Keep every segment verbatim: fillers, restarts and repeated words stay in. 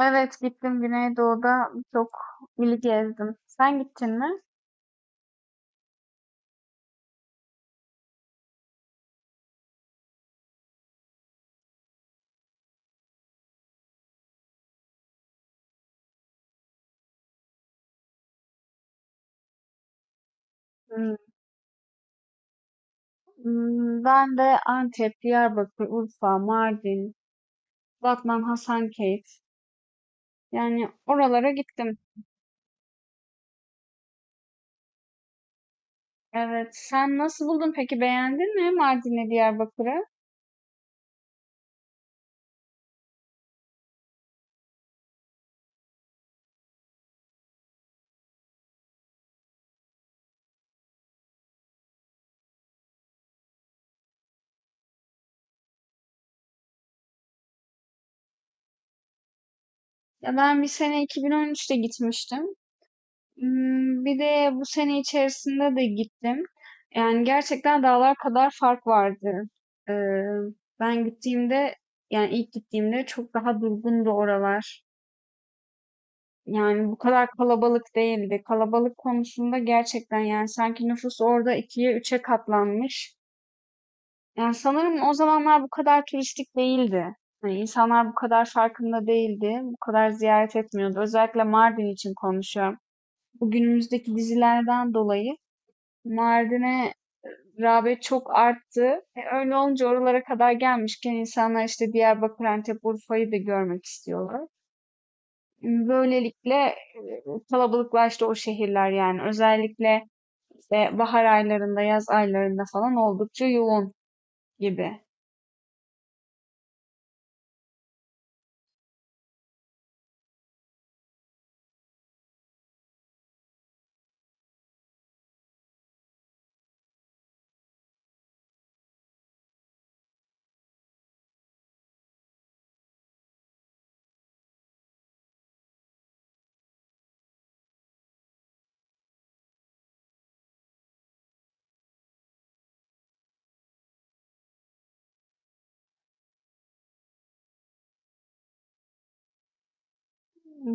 Evet gittim, Güneydoğu'da çok ili gezdim. Sen gittin mi? Hmm. Hmm, ben de Antep, Diyarbakır, Urfa, Mardin, Batman, Hasankeyf. Yani oralara gittim. Evet. Sen nasıl buldun peki? Beğendin mi Mardin'le Diyarbakır'ı? Ya ben bir sene iki bin on üçte gitmiştim. Imm, bir de bu sene içerisinde de gittim. Yani gerçekten dağlar kadar fark vardı. Eee, Ben gittiğimde, yani ilk gittiğimde çok daha durgundu oralar. Yani bu kadar kalabalık değildi. Kalabalık konusunda gerçekten, yani sanki nüfus orada ikiye üçe katlanmış. Yani sanırım o zamanlar bu kadar turistik değildi. Hani insanlar bu kadar farkında değildi. Bu kadar ziyaret etmiyordu. Özellikle Mardin için konuşuyorum. Bu günümüzdeki dizilerden dolayı Mardin'e e, rağbet çok arttı. E, öyle olunca oralara kadar gelmişken insanlar işte Diyarbakır, Antep, Urfa'yı da görmek istiyorlar. Böylelikle e, kalabalıklaştı o şehirler yani. Özellikle işte bahar aylarında, yaz aylarında falan oldukça yoğun gibi.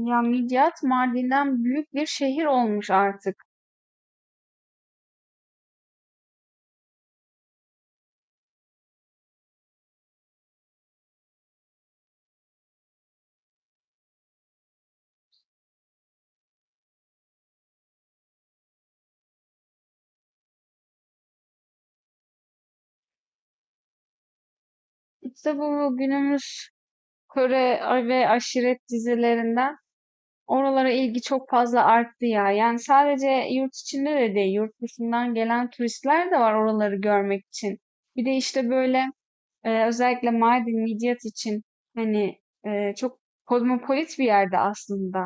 Ya Midyat Mardin'den büyük bir şehir olmuş artık. İşte bu günümüz Kore ve aşiret dizilerinden oralara ilgi çok fazla arttı ya. Yani sadece yurt içinde de değil, yurt dışından gelen turistler de var oraları görmek için. Bir de işte böyle, e, özellikle Mardin, Midyat için, hani e, çok kozmopolit bir yerde aslında.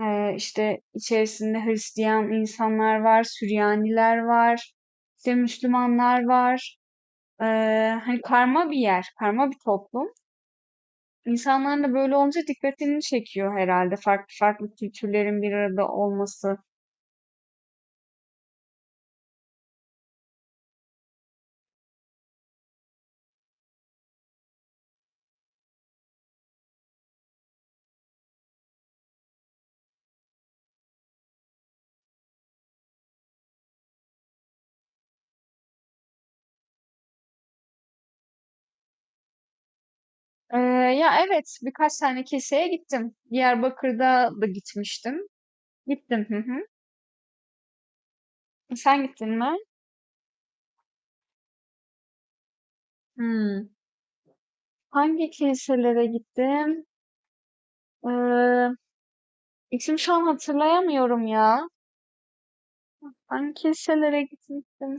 E, işte içerisinde Hristiyan insanlar var, Süryaniler var, işte Müslümanlar var. E, Hani karma bir yer, karma bir toplum. İnsanlar da böyle olunca dikkatini çekiyor herhalde farklı farklı kültürlerin bir arada olması. Eee, Ya, evet, birkaç tane keseye gittim. Diyarbakır'da da gitmiştim. Gittim. Hı hı. Sen gittin mi? Hımm. Hangi kiliselere gittim? Eee, isim şu an hatırlayamıyorum ya. Hangi kiliselere gitmiştim?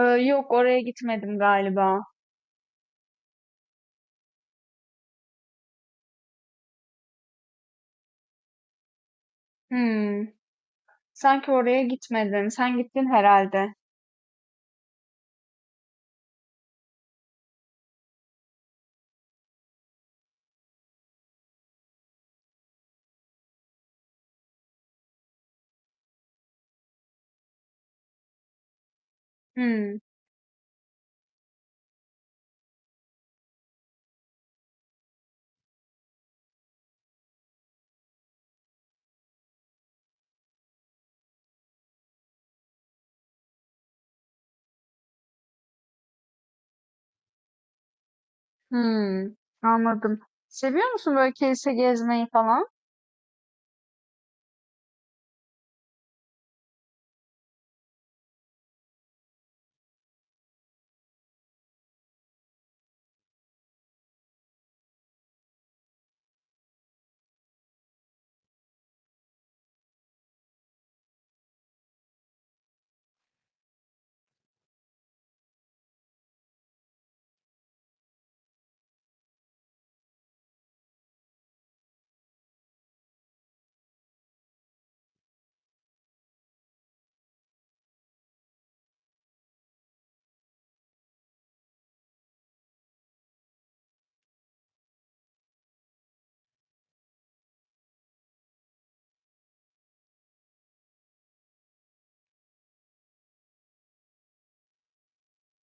Eee, yok, oraya gitmedim galiba. Hımm. Sanki oraya gitmedim. Sen gittin herhalde. Hımm. Hımm, anladım. Seviyor musun böyle kilise gezmeyi falan?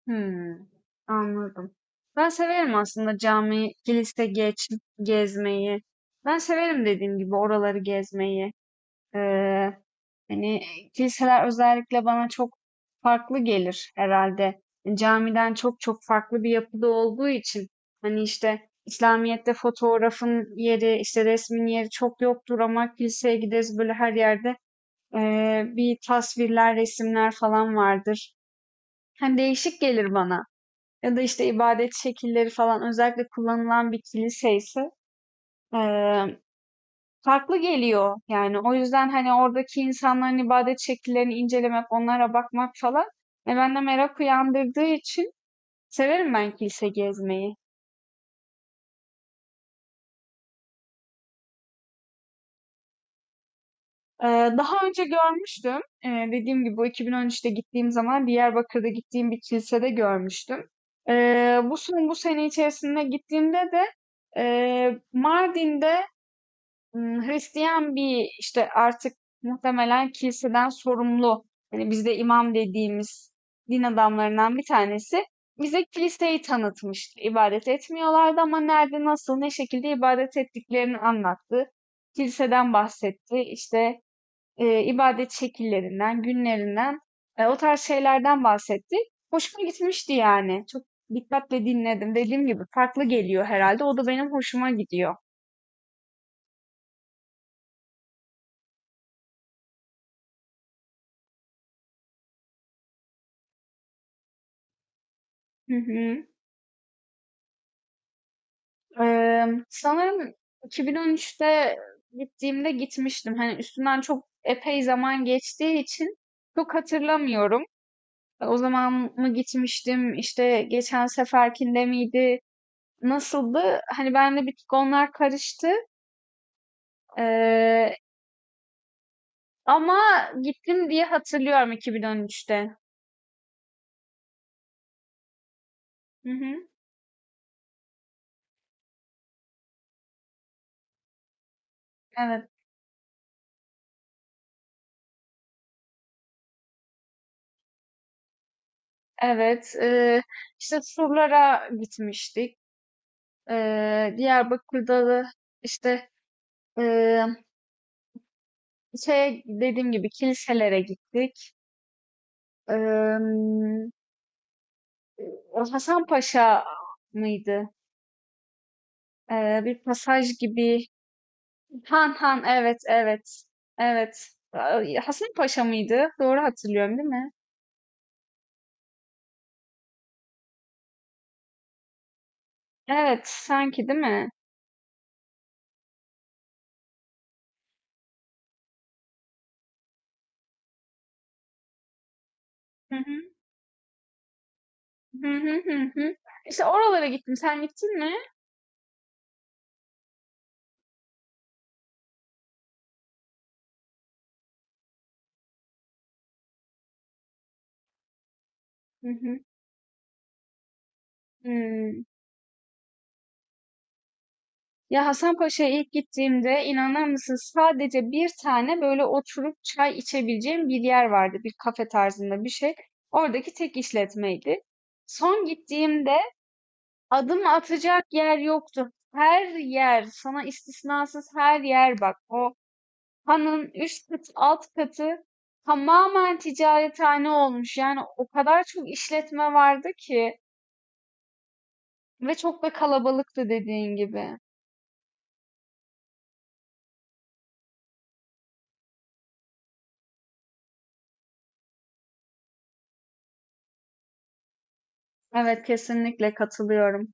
Hımm, anladım. Ben severim aslında cami, kilise geç gezmeyi. Ben severim dediğim gibi oraları gezmeyi. Eee, Hani kiliseler özellikle bana çok farklı gelir herhalde. Camiden çok çok farklı bir yapıda olduğu için, hani işte İslamiyet'te fotoğrafın yeri, işte resmin yeri çok yoktur, ama kiliseye gideriz, böyle her yerde Eee, bir tasvirler, resimler falan vardır. Hani değişik gelir bana. Ya da işte ibadet şekilleri falan, özellikle kullanılan bir kilise ise eee, farklı geliyor. Yani o yüzden hani oradaki insanların ibadet şekillerini incelemek, onlara bakmak falan e, bende merak uyandırdığı için severim ben kilise gezmeyi. Eee, Daha önce görmüştüm. Eee, dediğim gibi bu iki bin on üçte gittiğim zaman Diyarbakır'da gittiğim bir kilisede görmüştüm. Eee, bu son bu sene içerisinde gittiğimde de eee, Mardin'de m, Hristiyan bir işte artık muhtemelen kiliseden sorumlu, hani bizde imam dediğimiz din adamlarından bir tanesi bize kiliseyi tanıtmıştı. İbadet etmiyorlardı ama nerede, nasıl, ne şekilde ibadet ettiklerini anlattı. Kiliseden bahsetti. İşte eee, ibadet şekillerinden, günlerinden, eee, o tarz şeylerden bahsetti. Hoşuma gitmişti yani. Çok dikkatle dinledim. Dediğim gibi farklı geliyor herhalde. O da benim hoşuma gidiyor. Hı hı. Eee, sanırım iki bin on üçte gittiğimde gitmiştim. Hani üstünden çok epey zaman geçtiği için çok hatırlamıyorum. E, O zaman mı gitmiştim? İşte geçen seferkinde miydi? Nasıldı? Hani benimle bir tık onlar karıştı. Ee, Ama gittim diye hatırlıyorum iki bin on üçte. Hı hı. Evet. Evet, eee, işte surlara gitmiştik. Eee, Diyarbakır'da da işte eee şey, dediğim gibi, kiliselere gittik. Eee O Hasan Paşa mıydı? Eee, bir pasaj gibi. Han Han, evet evet. Evet. Ay, Hasan Paşa mıydı? Doğru hatırlıyorum değil mi? Evet, sanki değil mi? Hı hı, hı hı. İşte oralara gittim. Sen gittin mi? Hı hı. Hımm. Ya Hasanpaşa'ya ilk gittiğimde inanır mısın, sadece bir tane böyle oturup çay içebileceğim bir yer vardı. Bir kafe tarzında bir şey. Oradaki tek işletmeydi. Son gittiğimde adım atacak yer yoktu. Her yer, sana istisnasız her yer bak. O hanın üst katı, alt katı tamamen ticarethane olmuş. Yani o kadar çok işletme vardı ki. Ve çok da kalabalıktı dediğin gibi. Evet, kesinlikle katılıyorum.